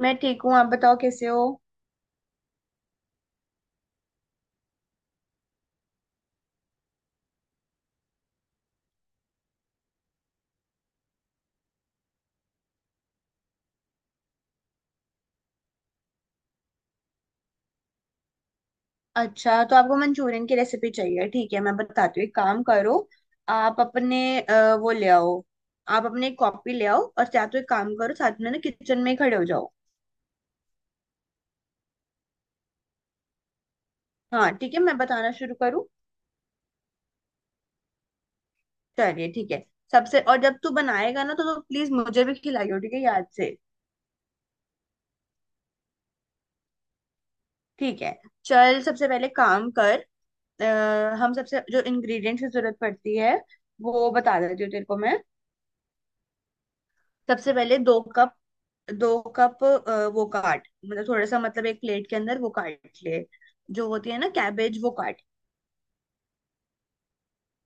मैं ठीक हूँ। आप बताओ कैसे हो। अच्छा, तो आपको मंचूरियन की रेसिपी चाहिए। ठीक है, मैं बताती हूँ। एक काम करो, आप अपने वो ले आओ। आप अपने एक कॉपी ले आओ, और या तो एक काम करो, साथ में ना किचन में ही खड़े हो जाओ। हाँ ठीक है, मैं बताना शुरू करूँ। चलिए ठीक है। सबसे और जब तू बनाएगा ना तो प्लीज मुझे भी खिलाइयो, ठीक है, याद से। ठीक है, चल सबसे पहले काम कर। हम सबसे जो इंग्रेडिएंट्स की जरूरत पड़ती है वो बता देती हूँ तेरे को मैं। सबसे पहले 2 कप, 2 कप वो काट, मतलब थोड़ा सा, मतलब एक प्लेट के अंदर वो काट ले। जो होती है ना कैबेज, वो काट।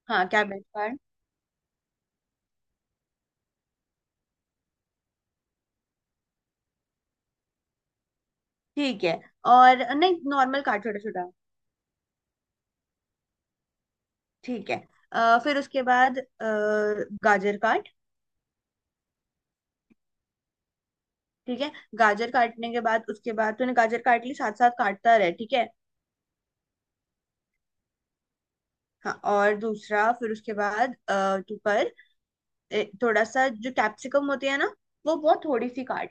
हाँ, कैबेज काट। ठीक है, और नहीं, नॉर्मल काट, छोटा छोटा। ठीक है। फिर उसके बाद गाजर काट। ठीक है, गाजर काटने के बाद, उसके बाद तूने गाजर काट ली, साथ साथ काटता रहे। ठीक है। हाँ, और दूसरा फिर उसके बाद तू कर। थोड़ा सा जो कैप्सिकम होती है ना, वो बहुत थोड़ी सी काट।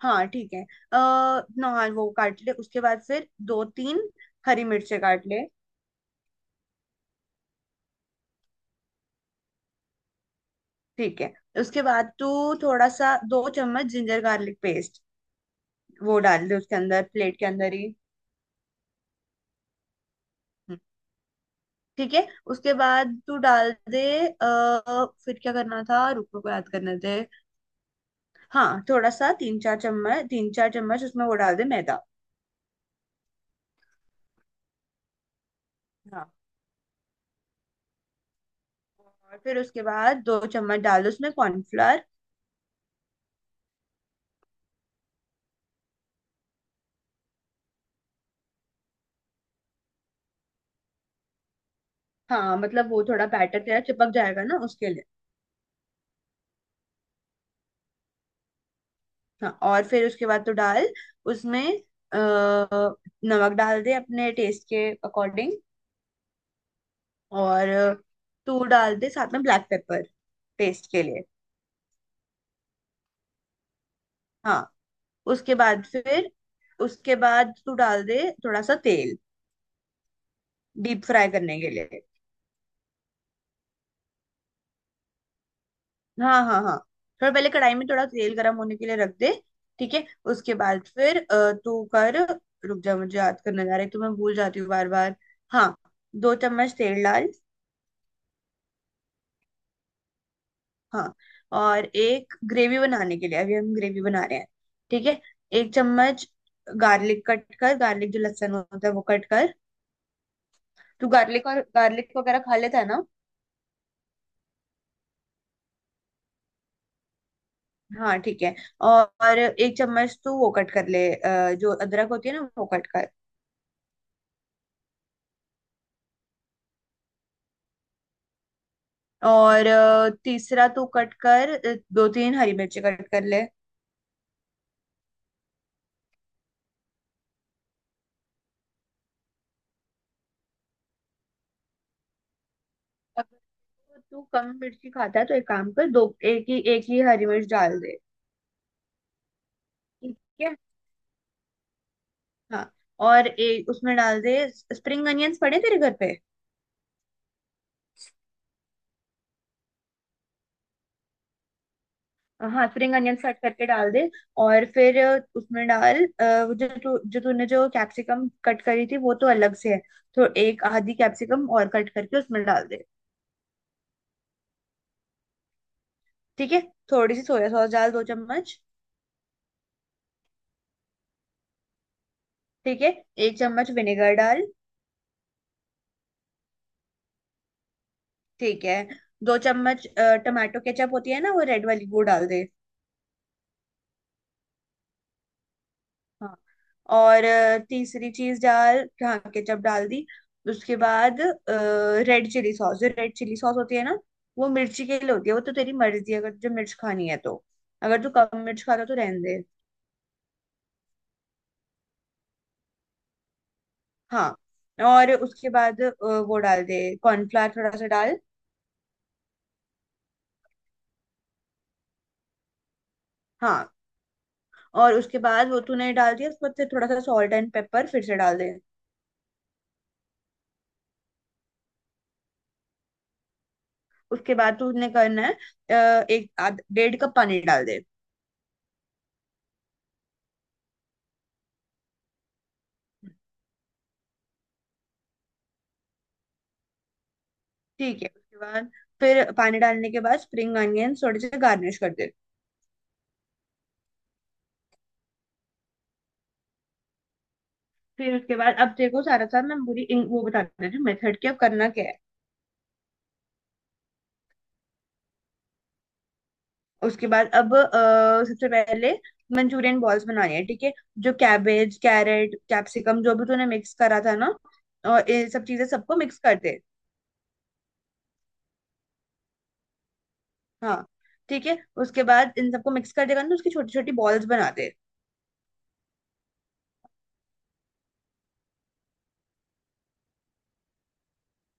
हाँ ठीक है। अः नॉन वो काट ले। उसके बाद फिर 2-3 हरी मिर्चें काट ले। ठीक है। उसके बाद तू थोड़ा सा 2 चम्मच जिंजर गार्लिक पेस्ट वो डाल दे, उसके अंदर, प्लेट के अंदर ही। हम्म, ठीक है, उसके बाद तू डाल दे। अः फिर क्या करना था, रुक रुक याद करने दे। हाँ, थोड़ा सा 3-4 चम्मच, 3-4 चम्मच उसमें वो डाल दे, मैदा। हाँ, और फिर उसके बाद 2 चम्मच डाल दो उसमें कॉर्नफ्लोर। हाँ, मतलब वो थोड़ा बैटर तेरा चिपक जाएगा ना, उसके लिए। हाँ, और फिर उसके बाद तो डाल उसमें अ, नमक डाल दे अपने टेस्ट के अकॉर्डिंग। और तू डाल दे साथ में ब्लैक पेपर टेस्ट के लिए। हाँ, उसके बाद फिर उसके बाद तू डाल दे थोड़ा सा तेल, डीप फ्राई करने के लिए। हाँ हाँ हाँ, थोड़ा पहले कढ़ाई में थोड़ा तेल गर्म होने के लिए रख दे। ठीक है, उसके बाद फिर तू कर। रुक जा, मुझे याद करने जा रहा है तो मैं भूल जाती हूँ बार बार। हाँ, 2 चम्मच तेल डाल। हाँ, और एक ग्रेवी बनाने के लिए, अभी हम ग्रेवी बना रहे हैं, ठीक है, 1 चम्मच गार्लिक कट कर, गार्लिक जो लहसुन होता है वो कट कर। तू गार्लिक और गार्लिक वगैरह खा लेता है ना। हाँ ठीक है। और 1 चम्मच तू वो कट कर ले, जो अदरक होती है ना, वो कट कर। और तीसरा तू कट कर, 2-3 हरी मिर्ची कट कर ले। अगर तू कम मिर्ची खाता है तो एक काम कर, दो, एक ही हरी मिर्च डाल दे। ठीक है। हाँ, और एक उसमें डाल दे, स्प्रिंग अनियंस पड़े तेरे घर पे। हाँ, स्प्रिंग अनियंस कट करके डाल दे। और फिर उसमें डाल वो जो तू जो तूने जो कैप्सिकम कट करी थी वो तो अलग से है। तो एक आधी कैप्सिकम और कट करके उसमें डाल दे। ठीक है, थोड़ी सी सोया सॉस डाल, 2 चम्मच। ठीक है, 1 चम्मच विनेगर डाल। ठीक है, 2 चम्मच टमाटो केचप होती है ना, वो रेड वाली, वो डाल दे। हाँ, और तीसरी चीज डाल, ढाक के जब डाल दी उसके बाद रेड चिली सॉस, जो रेड चिली सॉस होती है ना, वो मिर्ची के लिए होती है, वो तो तेरी मर्जी है, अगर तुझे मिर्च खानी है तो, अगर तू कम मिर्च खाता तो रहने दे। हाँ, और उसके बाद वो डाल दे कॉर्नफ्लावर, थोड़ा सा डाल। हाँ, और उसके बाद वो तूने डाल दिया, उसके बाद फिर थोड़ा सा सॉल्ट एंड पेपर फिर से डाल दे। उसके बाद तूने करना है, एक आध 1.5 कप पानी डाल दे। ठीक है, उसके बाद फिर पानी डालने के बाद स्प्रिंग अनियंस थोड़े से गार्निश कर दे। फिर उसके बाद अब देखो सारा साथ मैं पूरी वो बता देती हूँ मेथड की, अब करना क्या है। उसके बाद, अब सबसे पहले मंचूरियन बॉल्स बनानी है, ठीक है। जो कैबेज, कैरेट, कैप्सिकम जो भी तूने मिक्स करा था ना, और ये सब चीजें सबको मिक्स कर दे। हाँ ठीक है, उसके बाद इन सबको मिक्स कर देगा ना तो उसकी छोटी छोटी बॉल्स बना दे।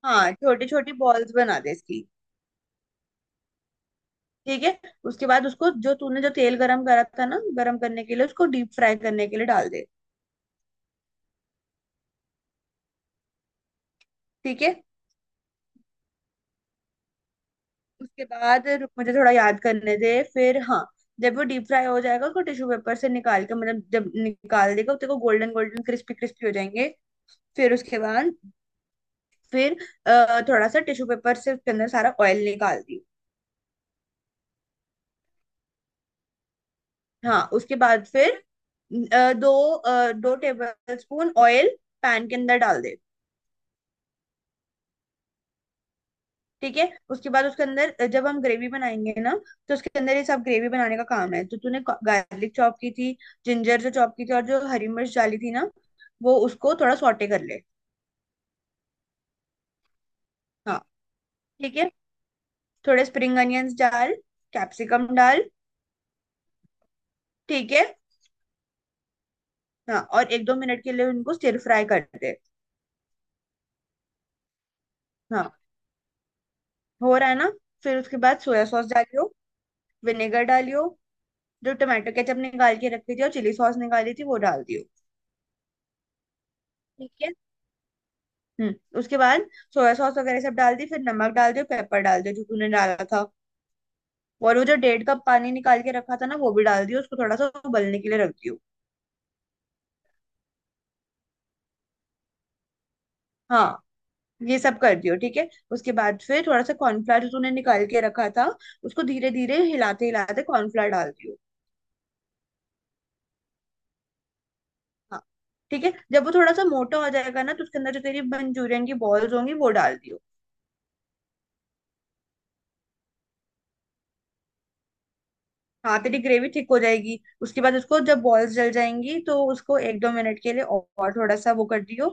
हाँ, छोटी छोटी बॉल्स बना दे इसकी। ठीक है, उसके बाद उसको जो तूने जो तेल गरम करा था ना, गरम करने के लिए, उसको डीप फ्राई करने के लिए डाल दे। ठीक है, उसके बाद रुक मुझे थोड़ा याद करने दे फिर। हाँ, जब वो डीप फ्राई हो जाएगा, उसको टिश्यू पेपर से निकाल के, मतलब जब निकाल देगा तो गोल्डन गोल्डन क्रिस्पी क्रिस्पी हो जाएंगे। फिर उसके बाद फिर थोड़ा सा टिश्यू पेपर से उसके अंदर सारा ऑयल निकाल दी। हाँ, उसके बाद फिर 2 टेबल स्पून ऑयल पैन के अंदर डाल दे। ठीक है, उसके बाद उसके अंदर जब हम ग्रेवी बनाएंगे ना, तो उसके अंदर ये सब ग्रेवी बनाने का काम है। तो तूने गार्लिक चॉप की थी, जिंजर जो चॉप की थी, और जो हरी मिर्च डाली थी ना, वो उसको थोड़ा सॉटे कर ले। हाँ ठीक है, थोड़े स्प्रिंग अनियंस डाल, कैप्सिकम डाल। ठीक है, हाँ, और 1-2 मिनट के लिए उनको स्टिर फ्राई कर दे। हाँ, हो रहा है ना। फिर उसके बाद सोया सॉस डालियो, विनेगर डालियो, जो टमाटो केचप निकाल के रखी थी और चिली सॉस निकाली थी वो डाल दियो। ठीक है। हम्म, उसके बाद सोया सॉस वगैरह सब डाल दी, फिर नमक डाल दिया, पेपर डाल दिया जो तूने डाला था। और वो जो 1.5 कप पानी निकाल के रखा था ना, वो भी डाल दियो, उसको थोड़ा सा उबलने के लिए रख दियो। हाँ, ये सब कर दियो ठीक है। उसके बाद फिर थोड़ा सा कॉर्नफ्लावर जो तूने निकाल के रखा था, उसको धीरे धीरे हिलाते हिलाते कॉर्नफ्लावर डाल दियो। हाँ ठीक है, जब वो थोड़ा सा मोटा हो जाएगा ना, तो उसके अंदर जो तेरी मंचूरियन की बॉल्स होंगी वो डाल दियो। हाँ, तेरी ग्रेवी ठीक हो जाएगी। उसके बाद उसको जब बॉल्स जल जाएंगी तो उसको 1-2 मिनट के लिए और थोड़ा सा वो कर दियो,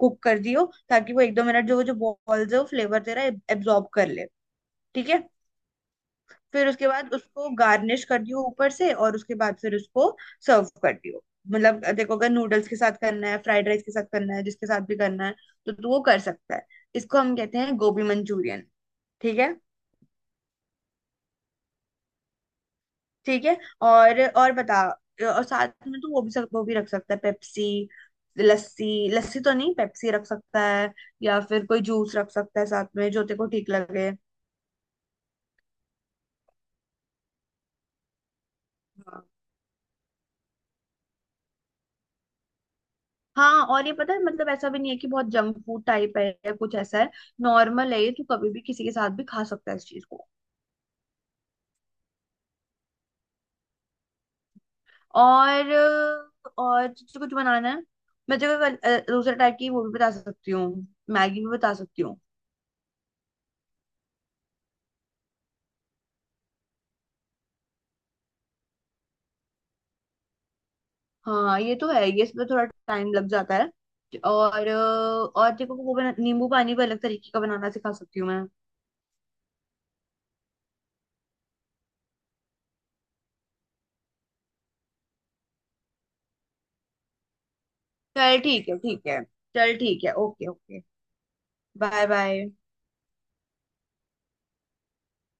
कुक कर दियो, ताकि वो 1-2 मिनट जो वो जो बॉल्स है वो फ्लेवर तेरा एब्जॉर्ब कर ले। ठीक है। फिर उसके बाद उसको गार्निश कर दियो ऊपर से, और उसके बाद फिर उसको सर्व कर दियो। मतलब देखो, अगर नूडल्स के साथ करना है, फ्राइड राइस के साथ करना है, जिसके साथ भी करना है, तो तू वो कर सकता है। इसको हम कहते हैं गोभी मंचूरियन। ठीक है, ठीक है, और बता। और साथ में तो वो भी वो भी रख सकता है, पेप्सी। लस्सी, लस्सी तो नहीं, पेप्सी रख सकता है, या फिर कोई जूस रख सकता है साथ में जो तेरे को ठीक लगे। हाँ हाँ, और ये पता है, मतलब ऐसा भी नहीं है कि बहुत जंक फूड टाइप है या कुछ ऐसा है। नॉर्मल है ये, तू कभी भी किसी के साथ भी खा सकता है इस चीज को। और और तुझे कुछ बनाना है? मैं तेरे को दूसरे टाइप की वो भी बता सकती हूँ, मैगी भी बता सकती हूँ। हाँ ये तो है, ये इसमें थोड़ा टाइम लग जाता है। और और देखो, वो नींबू पानी भी अलग तरीके का बनाना सिखा सकती हूँ मैं। चल ठीक है, ठीक है। चल ठीक है, ओके ओके। Bye bye.